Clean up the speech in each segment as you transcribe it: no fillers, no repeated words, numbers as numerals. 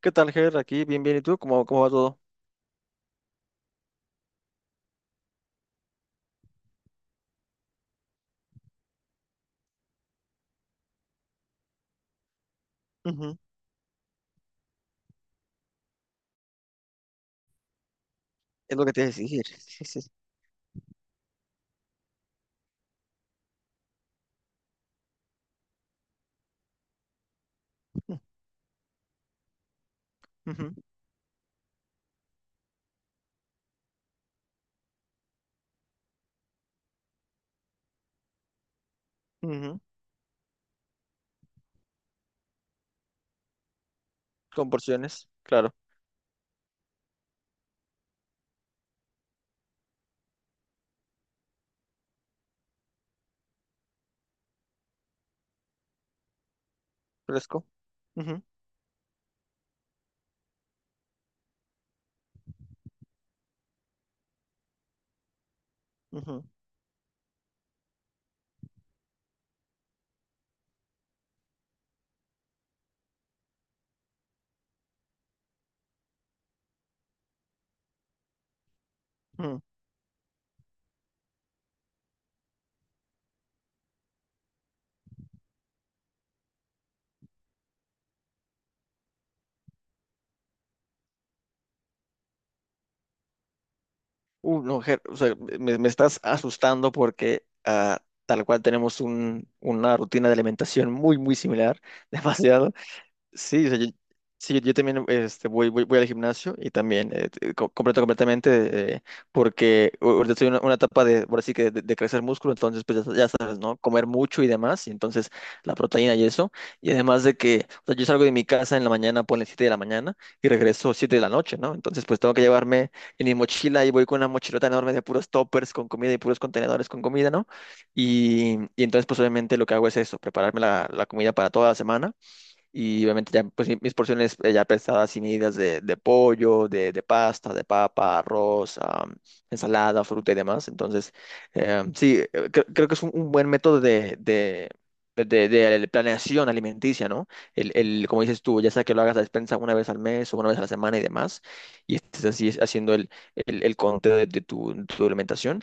¿Qué tal, Ger? Aquí, bien, bien. ¿Y tú? ¿Cómo va todo? Ujú. Es lo que te iba a decir. Sí, sí. Mm, ujú, ujú. Con porciones, claro. Fresco. Ujú, ujú, ujú. No, Ger, o sea, me estás asustando porque tal cual tenemos una rutina de alimentación muy, muy similar. Demasiado. Sí, o sea, yo, sí, yo también este, voy al gimnasio y también completo completamente porque ahorita estoy en una etapa de, por así que de crecer músculo, entonces pues ya, ya sabes, ¿no? Comer mucho y demás, y entonces la proteína y eso, y además de que, o sea, yo salgo de mi casa en la mañana, ponle 7 de la mañana y regreso 7 de la noche, ¿no? Entonces pues tengo que llevarme en mi mochila y voy con una mochilota enorme de puros toppers con comida y puros contenedores con comida, ¿no? Y entonces pues obviamente lo que hago es eso, prepararme la comida para toda la semana y obviamente ya pues, mis porciones ya pesadas y medidas de pollo, de pasta, de papa, arroz, ensalada, fruta y demás. Entonces, sí, creo que es un buen método de planeación alimenticia, ¿no? El, como dices tú, ya sea que lo hagas a despensa una vez al mes o una vez a la semana y demás, y estés así haciendo el conteo de tu alimentación.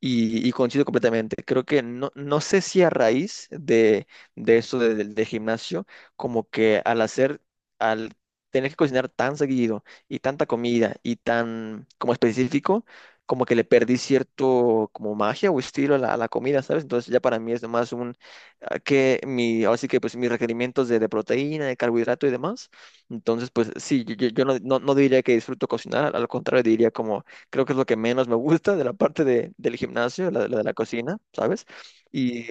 Y coincido completamente. Creo que no, no sé si a raíz de esto del gimnasio, como que al tener que cocinar tan seguido y tanta comida y tan como específico, como que le perdí cierto como magia o estilo a la comida, ¿sabes? Entonces ya para mí es más un, ah, que mi, ahora sí que pues mis requerimientos de proteína, de carbohidrato y demás. Entonces pues sí, yo no diría que disfruto cocinar, al contrario diría como creo que es lo que menos me gusta de la parte del gimnasio, la de la cocina, ¿sabes? Y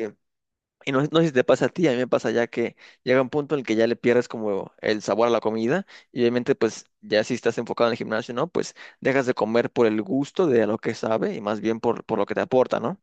y no, no sé si te pasa a ti, a mí me pasa ya que llega un punto en el que ya le pierdes como el sabor a la comida y obviamente pues ya si estás enfocado en el gimnasio, ¿no? Pues dejas de comer por el gusto de lo que sabe y más bien por lo que te aporta, ¿no?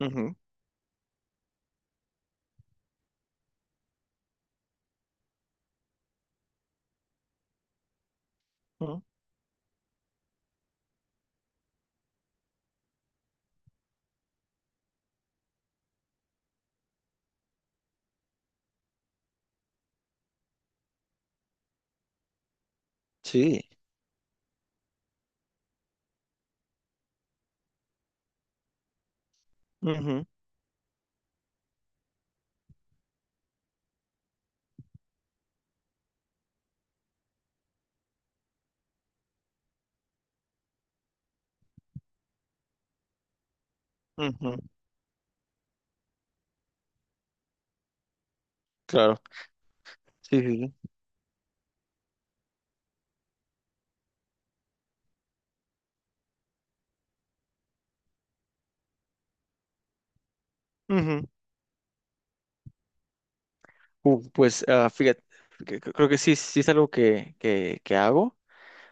Ujú, ujú. Sí. Ujú, ujú. Claro. Sí, sí, sí. Ujú. Pues fíjate, creo que sí, sí es algo que hago.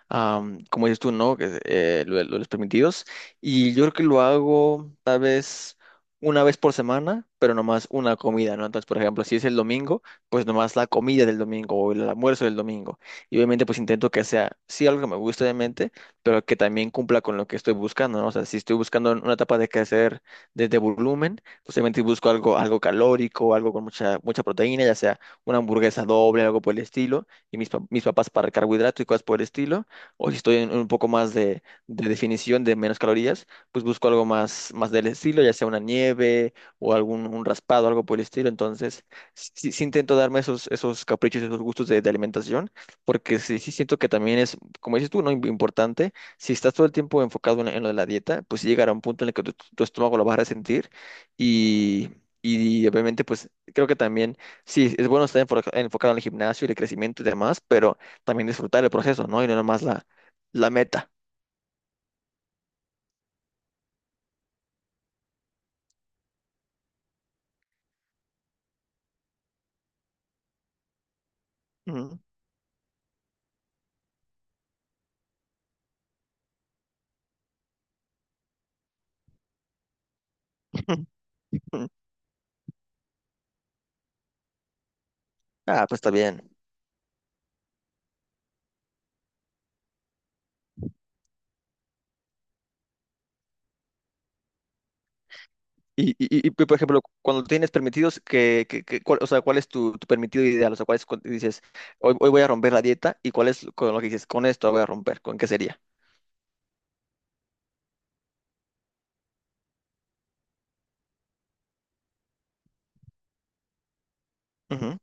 Como dices tú, ¿no? Que, de lo de los permitidos. Y yo creo que lo hago tal vez una vez por semana, pero nomás una comida, ¿no? Entonces, por ejemplo, si es el domingo, pues nomás la comida del domingo o el almuerzo del domingo. Y obviamente, pues intento que sea, sí, algo que me guste, obviamente, pero que también cumpla con lo que estoy buscando, ¿no? O sea, si estoy buscando una etapa de crecer desde volumen, pues obviamente busco algo, algo calórico, algo con mucha, mucha proteína, ya sea una hamburguesa doble, algo por el estilo y mis papas para carbohidrato y cosas por el estilo o si estoy en un poco más de definición de menos calorías, pues busco algo más, más del estilo, ya sea una nieve o algún un raspado, algo por el estilo. Entonces, sí, sí intento darme esos, esos caprichos, esos gustos de alimentación, porque sí, sí siento que también es, como dices tú, ¿no? Importante, si estás todo el tiempo enfocado en, lo de la dieta, pues sí llegará un punto en el que tu estómago lo vas a resentir y... Y obviamente, pues creo que también, sí, es bueno estar enfocado en el gimnasio y el crecimiento y demás, pero también disfrutar el proceso, ¿no? Y no nomás la meta. Ujú. Ah, pues está bien. Y, por ejemplo, cuando tienes permitidos, o sea, ¿cuál es tu permitido ideal? O sea, ¿cuál es cuando dices, hoy voy a romper la dieta? ¿Y cuál es con lo que dices, con esto voy a romper? ¿Con qué sería? Ujú.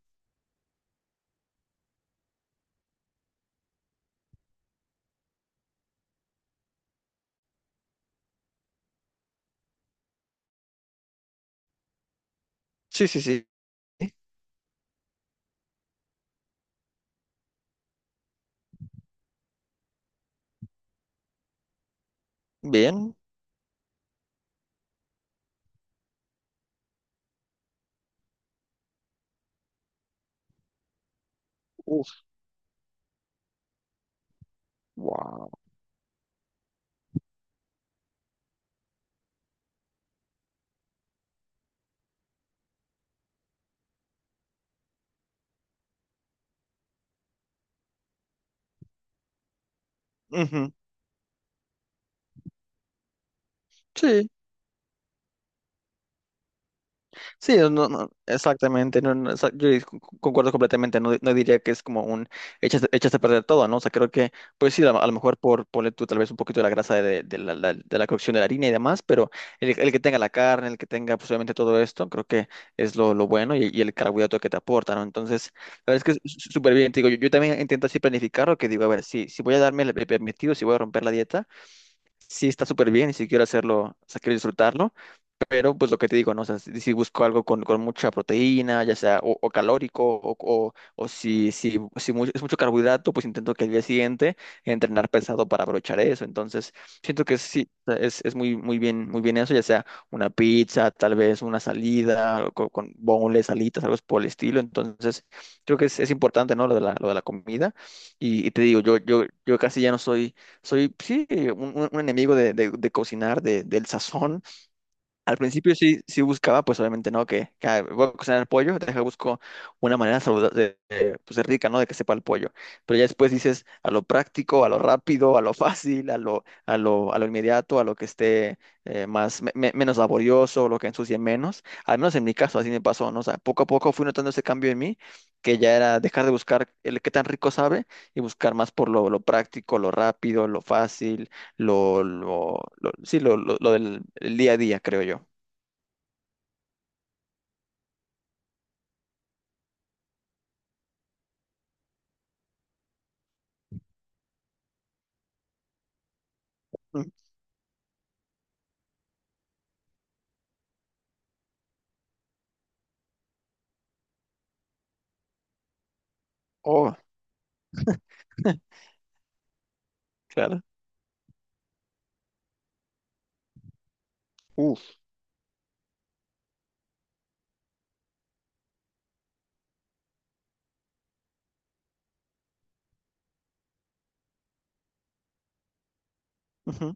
Sí, sí, sí. Bien. Uf, wow. Ujú. Sí. Sí, no, no, no, exactamente, no, no, yo concuerdo completamente, no, no diría que es como un echaste a perder todo, ¿no? O sea, creo que, pues sí, a lo mejor por ponle tú tal vez un poquito de la grasa de la cocción de la harina y demás, pero el que tenga la carne, el que tenga pues obviamente todo esto, creo que es lo bueno y el carbohidrato que te aporta, ¿no? Entonces, la verdad es que es súper bien, te digo, yo también intento así planificarlo, que digo, a ver, si voy a darme el permitido, si voy a romper la dieta sí está súper bien y si quiero hacerlo, o sea, quiero disfrutarlo, pero pues lo que te digo, ¿no? O sea, si busco algo con mucha proteína, ya sea o calórico, o si es mucho carbohidrato, pues intento que el día siguiente entrenar pesado para aprovechar eso. Entonces, siento que sí, o sea, es muy, muy bien eso, ya sea una pizza, tal vez una salida, con boneless, alitas, algo por el estilo. Entonces, creo que es importante, ¿no? Lo de la comida. Y te digo, yo casi ya no soy soy, sí, un enemigo de cocinar, del sazón, al principio sí, sí buscaba, pues obviamente no, que, voy a cocinar el pollo, deja busco una manera saludable, pues de rica, ¿no? De que sepa el pollo. Pero ya después dices a lo práctico, a lo rápido, a lo fácil, a lo inmediato, a lo que esté más, menos laborioso, lo que ensucie menos. Al menos en mi caso así me pasó, ¿no? O sea, poco a poco fui notando ese cambio en mí, que ya era dejar de buscar el qué tan rico sabe y buscar más por lo práctico, lo rápido, lo fácil sí, lo del el día a día, creo yo. Mm. Oh, claro. Uf. Ujú.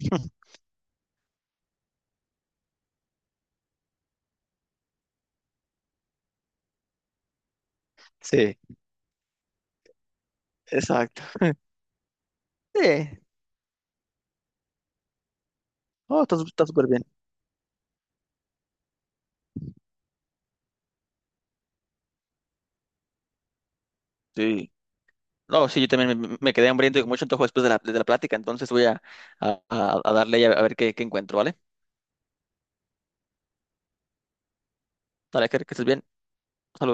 Sí, exacto. Sí. Oh, está súper bien. Sí. No, sí, yo también me quedé hambriento y con mucho antojo después de la plática, entonces voy a darle y a ver qué encuentro, ¿vale? Dale, que estés bien. Saludos.